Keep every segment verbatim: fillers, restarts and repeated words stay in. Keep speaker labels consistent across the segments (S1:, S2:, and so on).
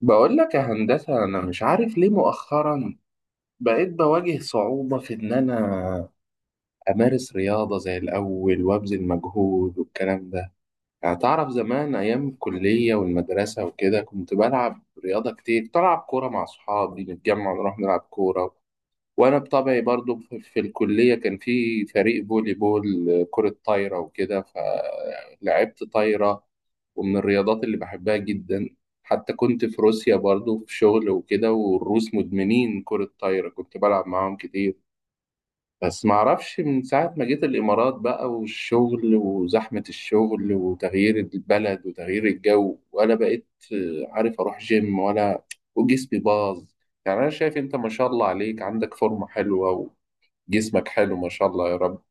S1: بقول لك يا هندسة، أنا مش عارف ليه مؤخرا بقيت بواجه صعوبة في إن أنا أمارس رياضة زي الأول وأبذل مجهود والكلام ده. يعني تعرف، زمان أيام الكلية والمدرسة وكده كنت بلعب رياضة كتير، كنت ألعب كورة مع أصحابي، نتجمع نروح نلعب كورة. وانا بطبعي برضو في في الكليه كان في فريق فولي بول، كره طايره وكده فلعبت طايره. ومن الرياضات اللي بحبها جدا، حتى كنت في روسيا برضو في شغل وكده، والروس مدمنين كره طايره، كنت بلعب معاهم كتير. بس معرفش، من ساعة ما جيت الإمارات بقى، والشغل وزحمة الشغل وتغيير البلد وتغيير الجو، ولا بقيت آه، عارف أروح جيم ولا، وجسمي باظ. يعني أنا شايف أنت ما شاء الله عليك، عندك فورمة حلوة، جسمك حلو، ما شاء الله يا رب.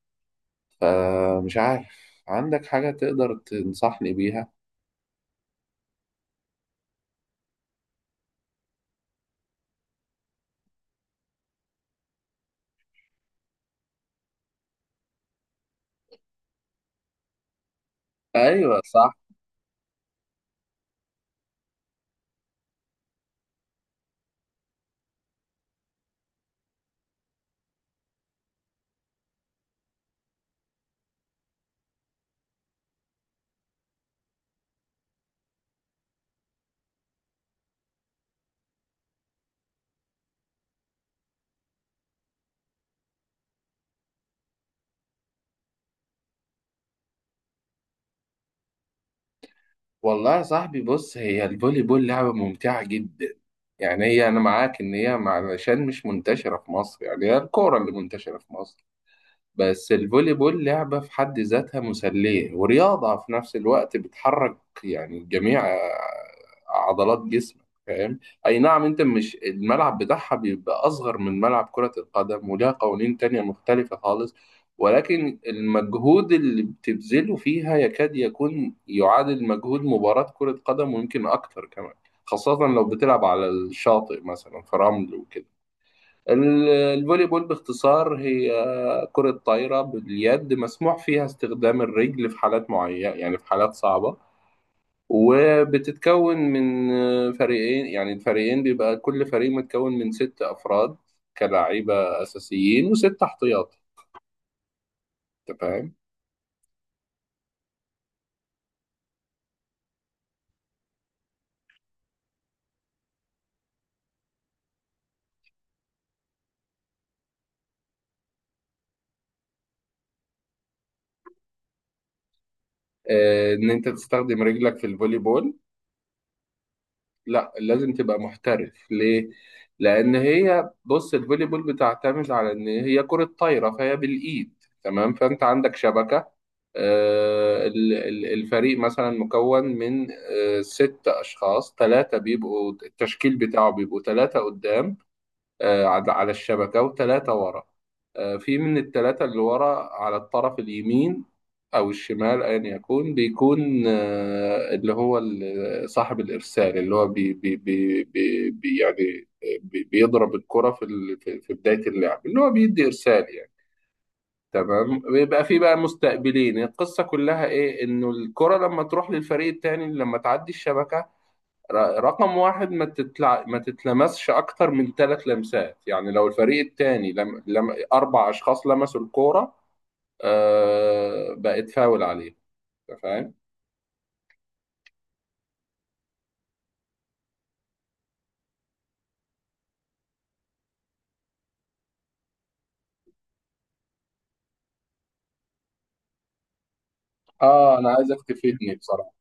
S1: فمش عارف، عندك حاجة تقدر تنصحني بيها؟ ايوه صح. والله يا صاحبي، بص، هي الفولي بول لعبة ممتعة جدا. يعني هي انا معاك ان هي مع- علشان مش منتشرة في مصر، يعني هي الكورة اللي منتشرة في مصر. بس الفولي بول لعبة في حد ذاتها مسلية، ورياضة في نفس الوقت، بتحرك يعني جميع عضلات جسمك، فاهم؟ أي نعم، أنت مش، الملعب بتاعها بيبقى أصغر من ملعب كرة القدم، ولها قوانين تانية مختلفة خالص. ولكن المجهود اللي بتبذله فيها يكاد يكون يعادل مجهود مباراة كرة قدم، ويمكن أكتر كمان، خاصة لو بتلعب على الشاطئ مثلا في رمل وكده. ال- الفولي بول باختصار هي كرة طايرة باليد، مسموح فيها استخدام الرجل في حالات معينة، يعني في حالات صعبة. وبتتكون من فريقين، يعني الفريقين بيبقى كل فريق متكون من ست أفراد، كلاعيبة أساسيين وست احتياطي. أنت فاهم؟ آه، إن أنت تستخدم رجلك في الفولي بول؟ لا، لازم تبقى محترف ليه؟ لأن هي، بص، الفولي بول بتعتمد على إن هي كرة طايرة فهي بالإيد. تمام، فأنت عندك شبكة. آه، ال- ال- الفريق مثلا مكون من آه، ست أشخاص، ثلاثة بيبقوا التشكيل بتاعه، بيبقوا ثلاثة قدام آه، على على الشبكة، وثلاثة ورا. آه، في من الثلاثة اللي ورا على الطرف اليمين أو الشمال، أيا يكون بيكون آه، اللي هو ال- صاحب الإرسال، اللي هو بي بي بي بي بي- يعني بي- بيضرب الكرة في ال- في في بداية اللعب، اللي هو بيدي إرسال، يعني. تمام، بيبقى في بقى مستقبلين، القصة كلها إيه، إنه الكرة لما تروح للفريق التاني لما تعدي الشبكة ر- رقم واحد، ما تتلع... ما تتلمسش اكتر من ثلاث لمسات، يعني لو الفريق الثاني لم... لم... اربع اشخاص لمسوا الكوره آه... بقت فاول عليه. أنت فاهم؟ اه، انا عايزك تفيدني بصراحه.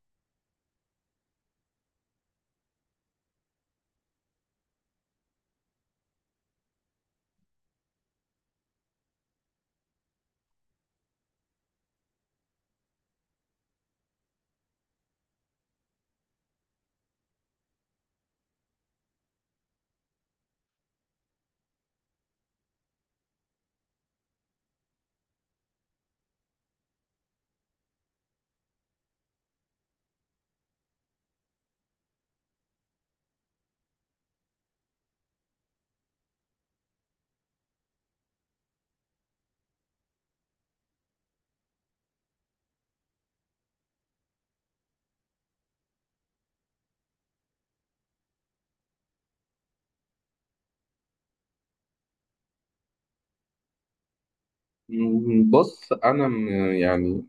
S1: م- بص انا م... يعني،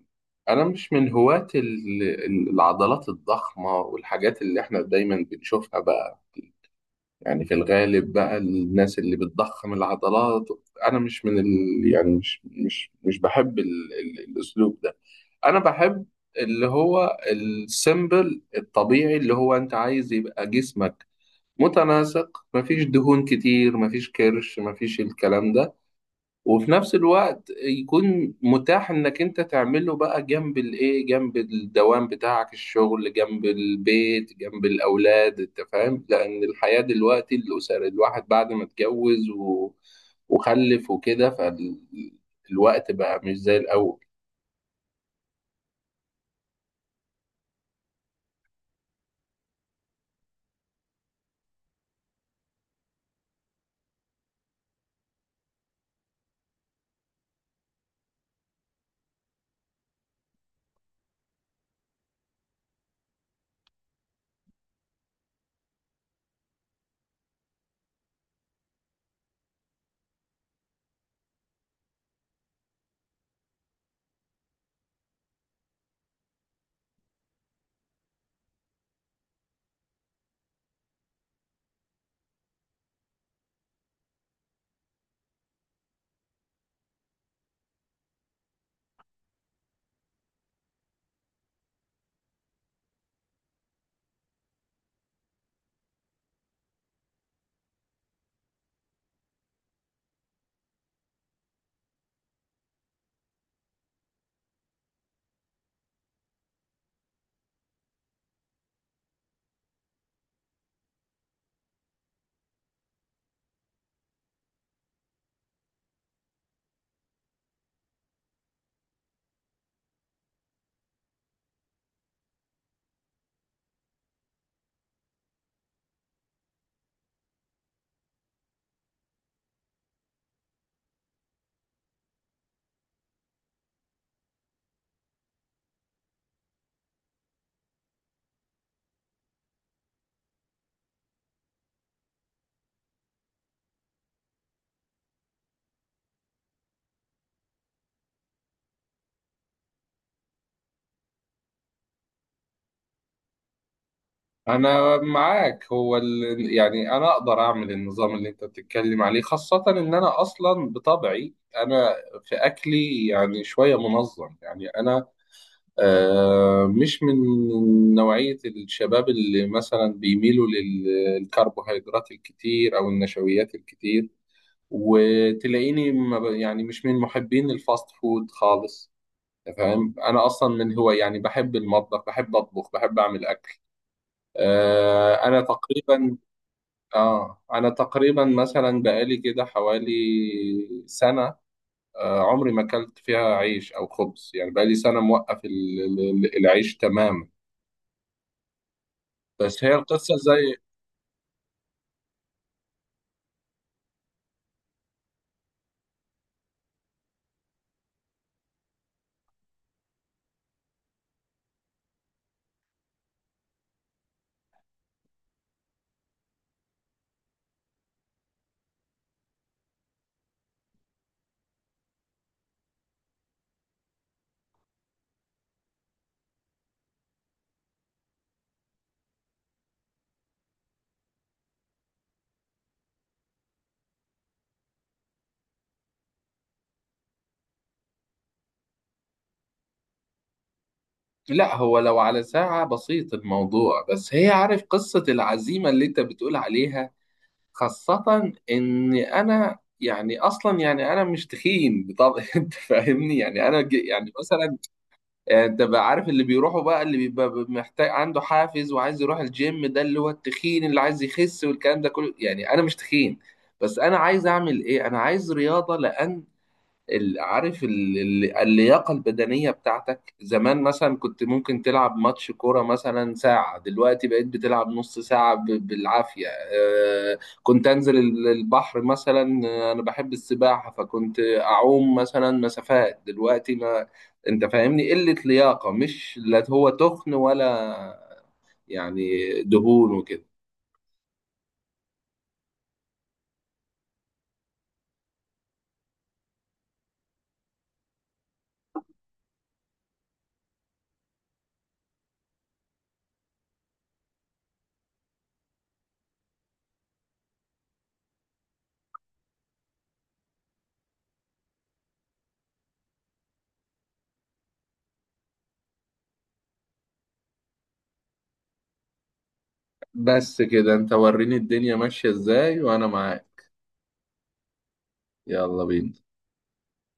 S1: انا مش من هواة ال... ال- العضلات الضخمه والحاجات اللي احنا دايما بنشوفها بقى، يعني في الغالب بقى الناس اللي بتضخم العضلات. انا مش من ال... يعني مش مش مش بحب ال... ال... الاسلوب ده. انا بحب اللي هو السيمبل الطبيعي، اللي هو انت عايز يبقى جسمك متناسق، مفيش دهون كتير، مفيش كرش، مفيش الكلام ده. وفي نفس الوقت يكون متاح انك انت تعمله بقى جنب الايه، جنب الدوام بتاعك الشغل، جنب البيت، جنب الاولاد، انت فاهم، لان الحياة دلوقتي الاسر الواحد بعد ما اتجوز و... وخلف وكده، فالوقت بقى مش زي الاول. انا معاك، هو ال... يعني انا اقدر اعمل النظام اللي انت بتتكلم عليه، خاصة ان انا اصلا بطبعي، انا في اكلي يعني شوية منظم، يعني انا آه مش من نوعية الشباب اللي مثلا بيميلوا للكربوهيدرات الكتير او النشويات الكتير، وتلاقيني ما ب... يعني مش من محبين الفاست فود خالص، فاهم. انا اصلا من هو يعني بحب المطبخ، بحب اطبخ، بحب اعمل اكل. آه انا تقريبا، اه انا تقريبا مثلا بقالي كده حوالي سنه، آه عمري ما اكلت فيها عيش او خبز، يعني بقالي سنه موقف ال- ال- العيش تماما. بس هي القصه زي، لا هو لو على ساعه بسيط الموضوع، بس هي عارف قصه العزيمه اللي انت بتقول عليها، خاصه ان انا، يعني اصلا، يعني انا مش تخين، طب انت فاهمني، يعني انا ج- يعني مثلا، يعني انت بقى عارف اللي بيروحوا بقى اللي بيبقى محتاج عنده حافز وعايز يروح الجيم، ده اللي هو التخين اللي عايز يخس والكلام ده كله، يعني انا مش تخين. بس انا عايز اعمل ايه، انا عايز رياضة، لان ال- عارف ال- ال- اللياقة البدنية بتاعتك زمان مثلا، كنت ممكن تلعب ماتش كورة مثلا ساعة، دلوقتي بقيت بتلعب نص ساعة ب- بالعافية. آه، كنت أنزل ال- البحر مثلا، آه، أنا بحب السباحة، فكنت أعوم مثلا مسافات، دلوقتي ما أنت فاهمني، قلة لياقة مش، لا هو تخن ولا يعني دهون وكده. بس كده أنت وريني الدنيا ماشية إزاي وأنا معاك. يلا بينا.